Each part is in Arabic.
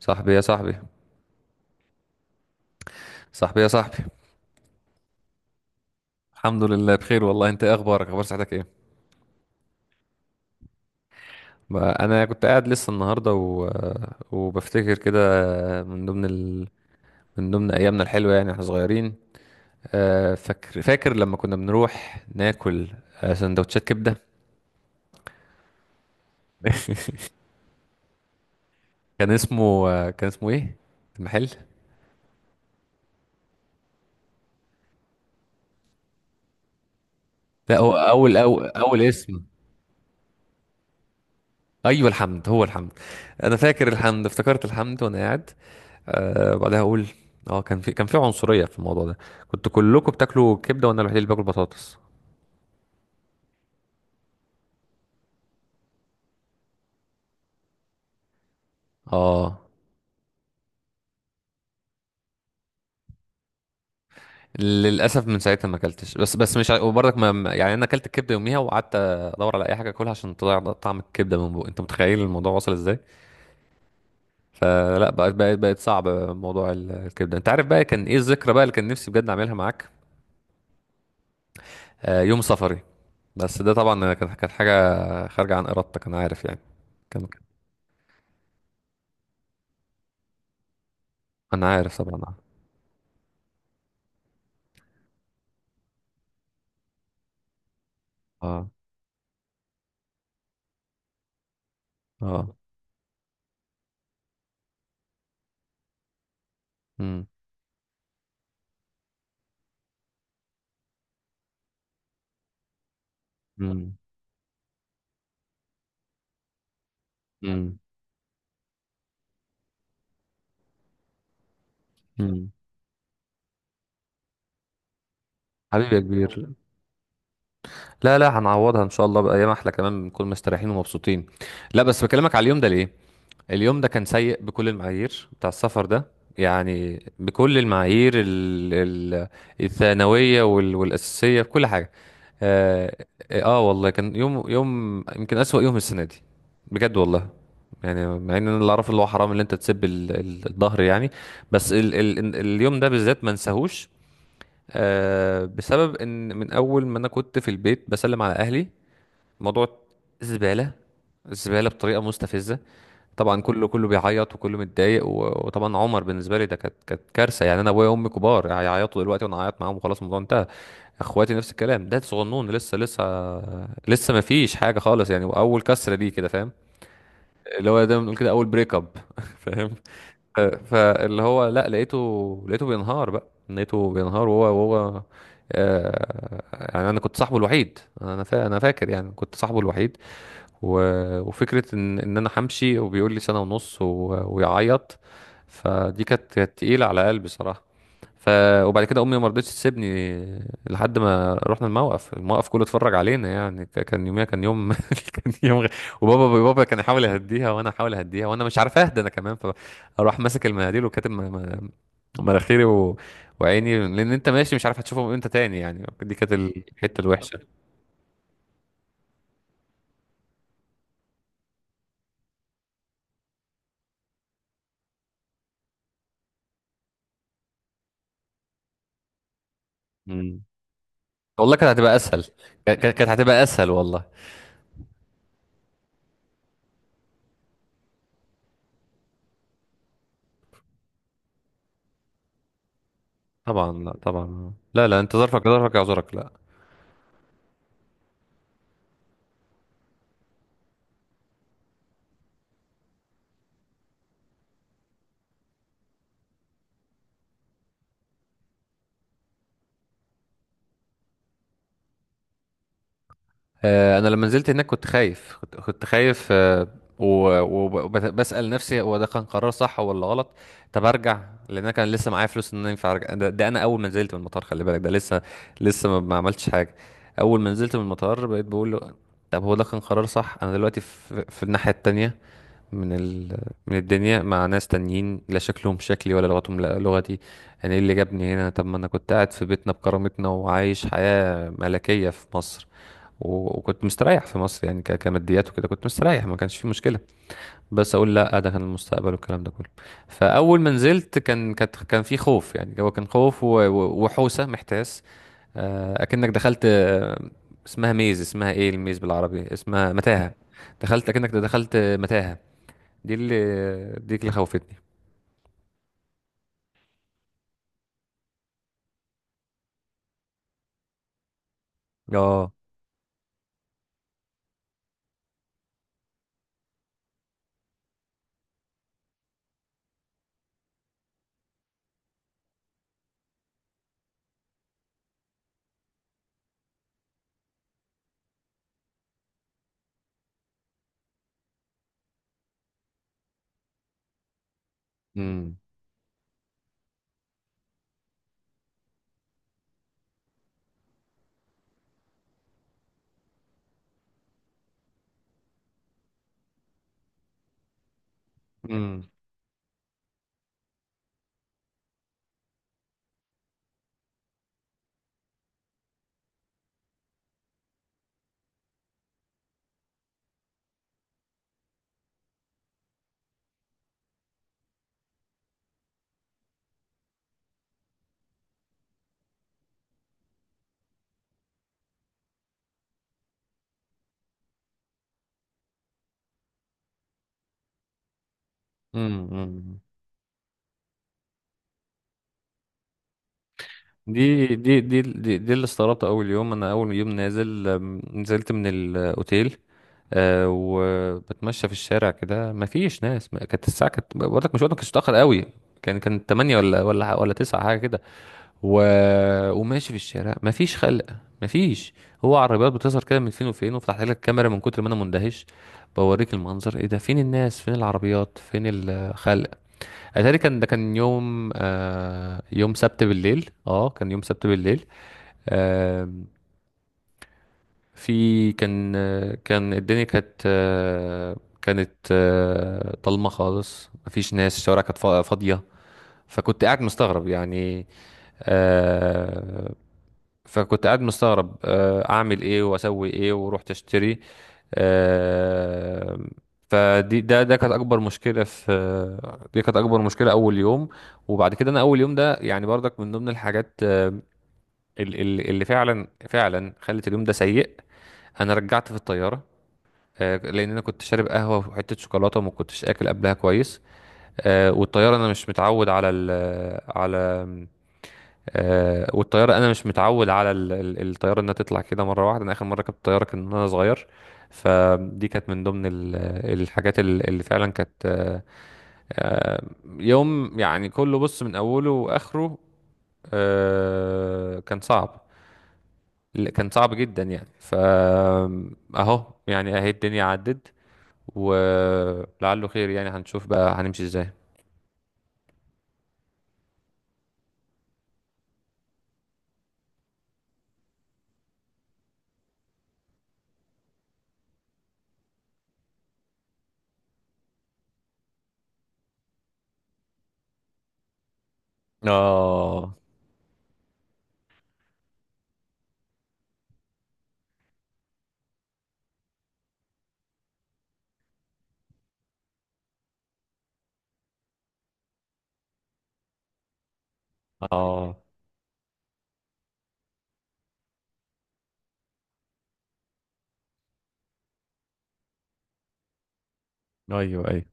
صاحبي يا صاحبي صاحبي يا صاحبي. الحمد لله بخير والله، انت ايه اخبارك؟ اخبار صحتك ايه؟ ما انا كنت قاعد لسه النهارده وبفتكر كده، من ضمن ال... من ضمن ايامنا الحلوه يعني احنا صغيرين. فاكر لما كنا بنروح ناكل، سندوتشات كبده. كان اسمه، كان اسمه ايه المحل؟ لا، هو اول اول اسم، ايوه الحمد، هو الحمد. انا فاكر الحمد، افتكرت الحمد وانا قاعد. أه بعدها اقول، اه كان في عنصريه في الموضوع ده. كنتوا كلكم بتاكلوا كبده وانا الوحيد اللي باكل بطاطس. اه، للاسف من ساعتها ما اكلتش، بس مش ع- وبرضك يعني انا اكلت الكبده يوميها وقعدت ادور على اي حاجه اكلها عشان تضيع طعم الكبده من بوق انت متخيل الموضوع وصل ازاي؟ فلا، بقت صعب موضوع الكبده. انت عارف بقى كان ايه الذكرى بقى اللي كان نفسي بجد اعملها معاك؟ يوم سفري. بس ده طبعا كانت حاجه خارجه عن ارادتك، انا عارف يعني. كان، انا عارف طبعا. اه، اه. امم، امم، امم. حبيبي يا كبير، لا لا، هنعوضها ان شاء الله بايام احلى، كمان بنكون مستريحين ومبسوطين. لا بس بكلمك على اليوم ده ليه، اليوم ده كان سيء بكل المعايير بتاع السفر ده. يعني بكل المعايير الثانويه والاساسيه، بكل حاجه. اه، آه والله كان يوم، يوم يمكن اسوأ يوم السنه دي، بجد والله. يعني مع ان انا اللي اعرفه اللي هو حرام اللي انت تسيب الظهر يعني. بس ال ال اليوم ده بالذات ما انساهوش. أه بسبب ان من اول ما انا كنت في البيت بسلم على اهلي، موضوع زبالة، زبالة بطريقة مستفزة. طبعا كله بيعيط وكله متضايق وطبعا عمر بالنسبة لي ده كانت كارثة. يعني انا ابويا وامي كبار هيعيطوا دلوقتي وانا هعيط معاهم وخلاص الموضوع انتهى. اخواتي نفس الكلام ده، صغنون لسه، لسه ما فيش حاجة خالص يعني، واول كسرة دي كده فاهم؟ اللي هو دايما بنقول كده، اول بريك اب فاهم؟ فاللي هو لا، لقيته بينهار بقى، لقيته بينهار، وهو آه، يعني انا كنت صاحبه الوحيد، انا فاكر يعني كنت صاحبه الوحيد. و... وفكره ان انا همشي، وبيقول لي سنه ونص ويعيط. فدي كانت تقيله على قلبي صراحه. ف وبعد كده امي ما رضتش تسيبني لحد ما رحنا الموقف، الموقف كله اتفرج علينا يعني، كان يوميها كان يوم كان يوم غ... وبابا، بابا كان يحاول يهديها وانا احاول اهديها وانا مش عارف اهدى انا كمان. فاروح ماسك المناديل وكاتب مناخيري وعيني، لان انت ماشي مش عارف هتشوفهم امتى تاني، يعني دي كانت الحته الوحشه. مم. والله كانت هتبقى اسهل، كانت هتبقى اسهل والله. طبعا لا، طبعا لا لا، انت ظرفك، ظرفك يعذرك، لا. انا لما نزلت هناك كنت خايف، كنت خايف، وبسأل نفسي هو ده كان قرار صح ولا غلط؟ طب ارجع، لان انا كان لسه معايا فلوس ان انا ينفع ارجع. ده، ده انا اول ما نزلت من المطار، خلي بالك ده لسه، لسه ما ما عملتش حاجه. اول ما نزلت من المطار بقيت بقول له طب هو ده كان قرار صح؟ انا دلوقتي في، في الناحيه التانية من ال... من الدنيا مع ناس تانيين لا شكلهم شكلي ولا لغتهم لا لغتي. يعني ايه اللي جابني هنا؟ طب ما انا كنت قاعد في بيتنا بكرامتنا وعايش حياة ملكية في مصر، وكنت مستريح في مصر يعني، كماديات وكده كنت مستريح ما كانش في مشكلة. بس اقول لا ده كان المستقبل والكلام ده كله. فاول ما نزلت كان، كان في خوف، يعني هو كان خوف وحوسة، محتاس. اكنك دخلت، اسمها ميز، اسمها ايه الميز بالعربي؟ اسمها متاهة. دخلت، اكنك دخلت متاهة. دي اللي دي اللي خوفتني. اه، امم، امم، امم. دي اللي استغربت اول يوم. انا اول يوم نازل، نزلت من الاوتيل، آه وبتمشى في الشارع كده ما فيش ناس، كانت الساعه، كانت بقول لك مش وقت، ما كانتش متاخر قوي، كان كان 8 ولا 9 حاجه كده. و... وماشي في الشارع مفيش خلق، مفيش. هو عربيات بتظهر كده من فين وفين، وفتحت لك الكاميرا من كتر ما انا مندهش، بوريك المنظر ايه ده، فين الناس، فين العربيات، فين الخلق؟ اتاري كان ده كان يوم، آه يوم سبت بالليل، اه كان يوم سبت بالليل. آه كان، كان الدنيا كانت، كانت آه ضلمه خالص، مفيش ناس، الشوارع كانت فاضيه. فكنت قاعد مستغرب يعني، آه، فكنت قاعد مستغرب، اعمل ايه واسوي ايه، ورحت اشتري. آه، فدي، ده ده كانت اكبر مشكله في، دي كانت اكبر مشكله اول يوم. وبعد كده انا اول يوم ده يعني برضك من ضمن الحاجات، اللي فعلا خلت اليوم ده سيء. انا رجعت في الطياره، لان انا كنت شارب قهوه وحته شوكولاته وما كنتش اكل قبلها كويس. والطياره انا مش متعود على على، والطياره انا مش متعود على الطياره انها تطلع كده مره واحده، انا اخر مره ركبت طياره كان وانا صغير. فدي كانت من ضمن الحاجات اللي فعلا كانت، يوم يعني كله، بص من اوله واخره، كان صعب، كان صعب جدا يعني. اهو يعني، اهي الدنيا عدت ولعله خير، يعني هنشوف بقى هنمشي ازاي. اه، اه. ايوه، ايوه.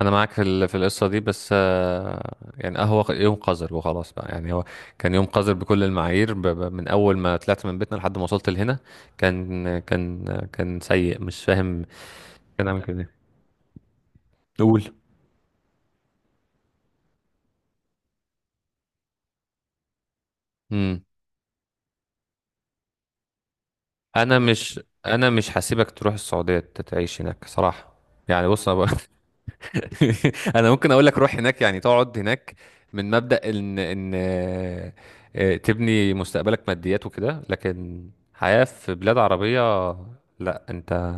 انا معاك في في القصه دي، بس يعني، هو يوم قذر وخلاص بقى يعني. هو كان يوم قذر بكل المعاير، من اول ما طلعت من بيتنا لحد ما وصلت لهنا. كان كان سيء، مش فاهم كان عامل كده ليه. قول. امم. انا مش انا مش هسيبك تروح السعوديه تعيش هناك صراحه. يعني بص، أنا انا ممكن اقول لك روح هناك يعني تقعد هناك، من مبدأ ان تبني مستقبلك ماديات وكده، لكن حياة في بلاد عربية، لا. انت،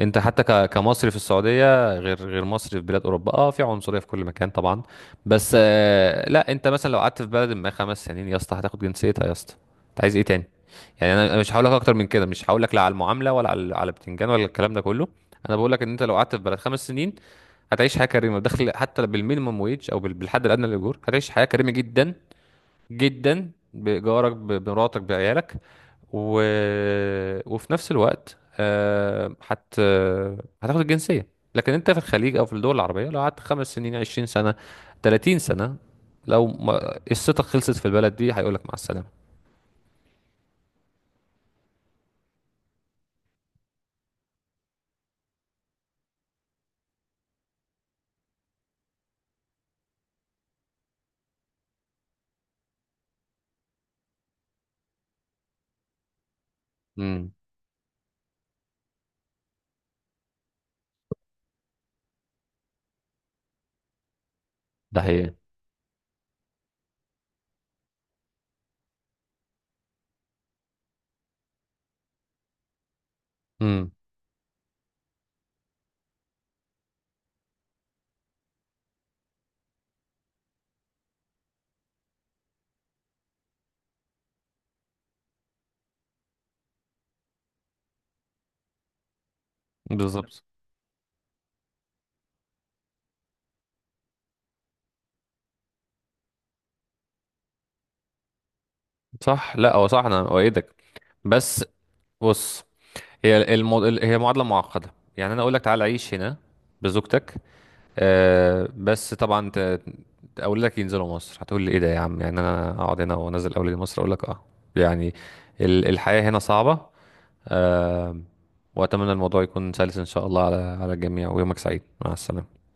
انت حتى كمصري في السعودية غير، مصري في بلاد اوروبا. اه في عنصرية في كل مكان طبعا، بس لا، انت مثلا لو قعدت في بلد ما 5 سنين يا اسطى هتاخد جنسيتها يا اسطى، انت عايز ايه تاني؟ يعني أنا مش هقول لك اكتر من كده، مش هقول لك لا على المعاملة ولا على، على بتنجان ولا الكلام ده كله. انا بقول لك ان انت لو قعدت في بلد 5 سنين هتعيش حياه كريمه، دخل حتى بالمينيمم ويج، او بالحد الادنى للاجور هتعيش حياه كريمه جدا جدا، بايجارك، بمراتك، بعيالك. و... وفي نفس الوقت، هتاخد الجنسيه. لكن انت في الخليج او في الدول العربيه لو قعدت 5 سنين، 20 سنه، 30 سنه، لو ما... قصتك خلصت في البلد دي هيقول لك مع السلامه. امم. ده حقيقي. امم. بالظبط. صح، لا هو صح، انا اؤيدك. بس، بص، هي معادلة معقدة. يعني انا اقول لك تعال عيش هنا بزوجتك، آه بس طبعا، اقول لك ينزلوا مصر هتقول لي ايه ده يا عم؟ يعني انا اقعد هنا وانزل اولادي مصر، اقول لك اه. يعني الحياة هنا صعبة، آه. واتمنى الموضوع يكون سلس ان شاء الله على، على الجميع، ويومك سعيد مع السلامة.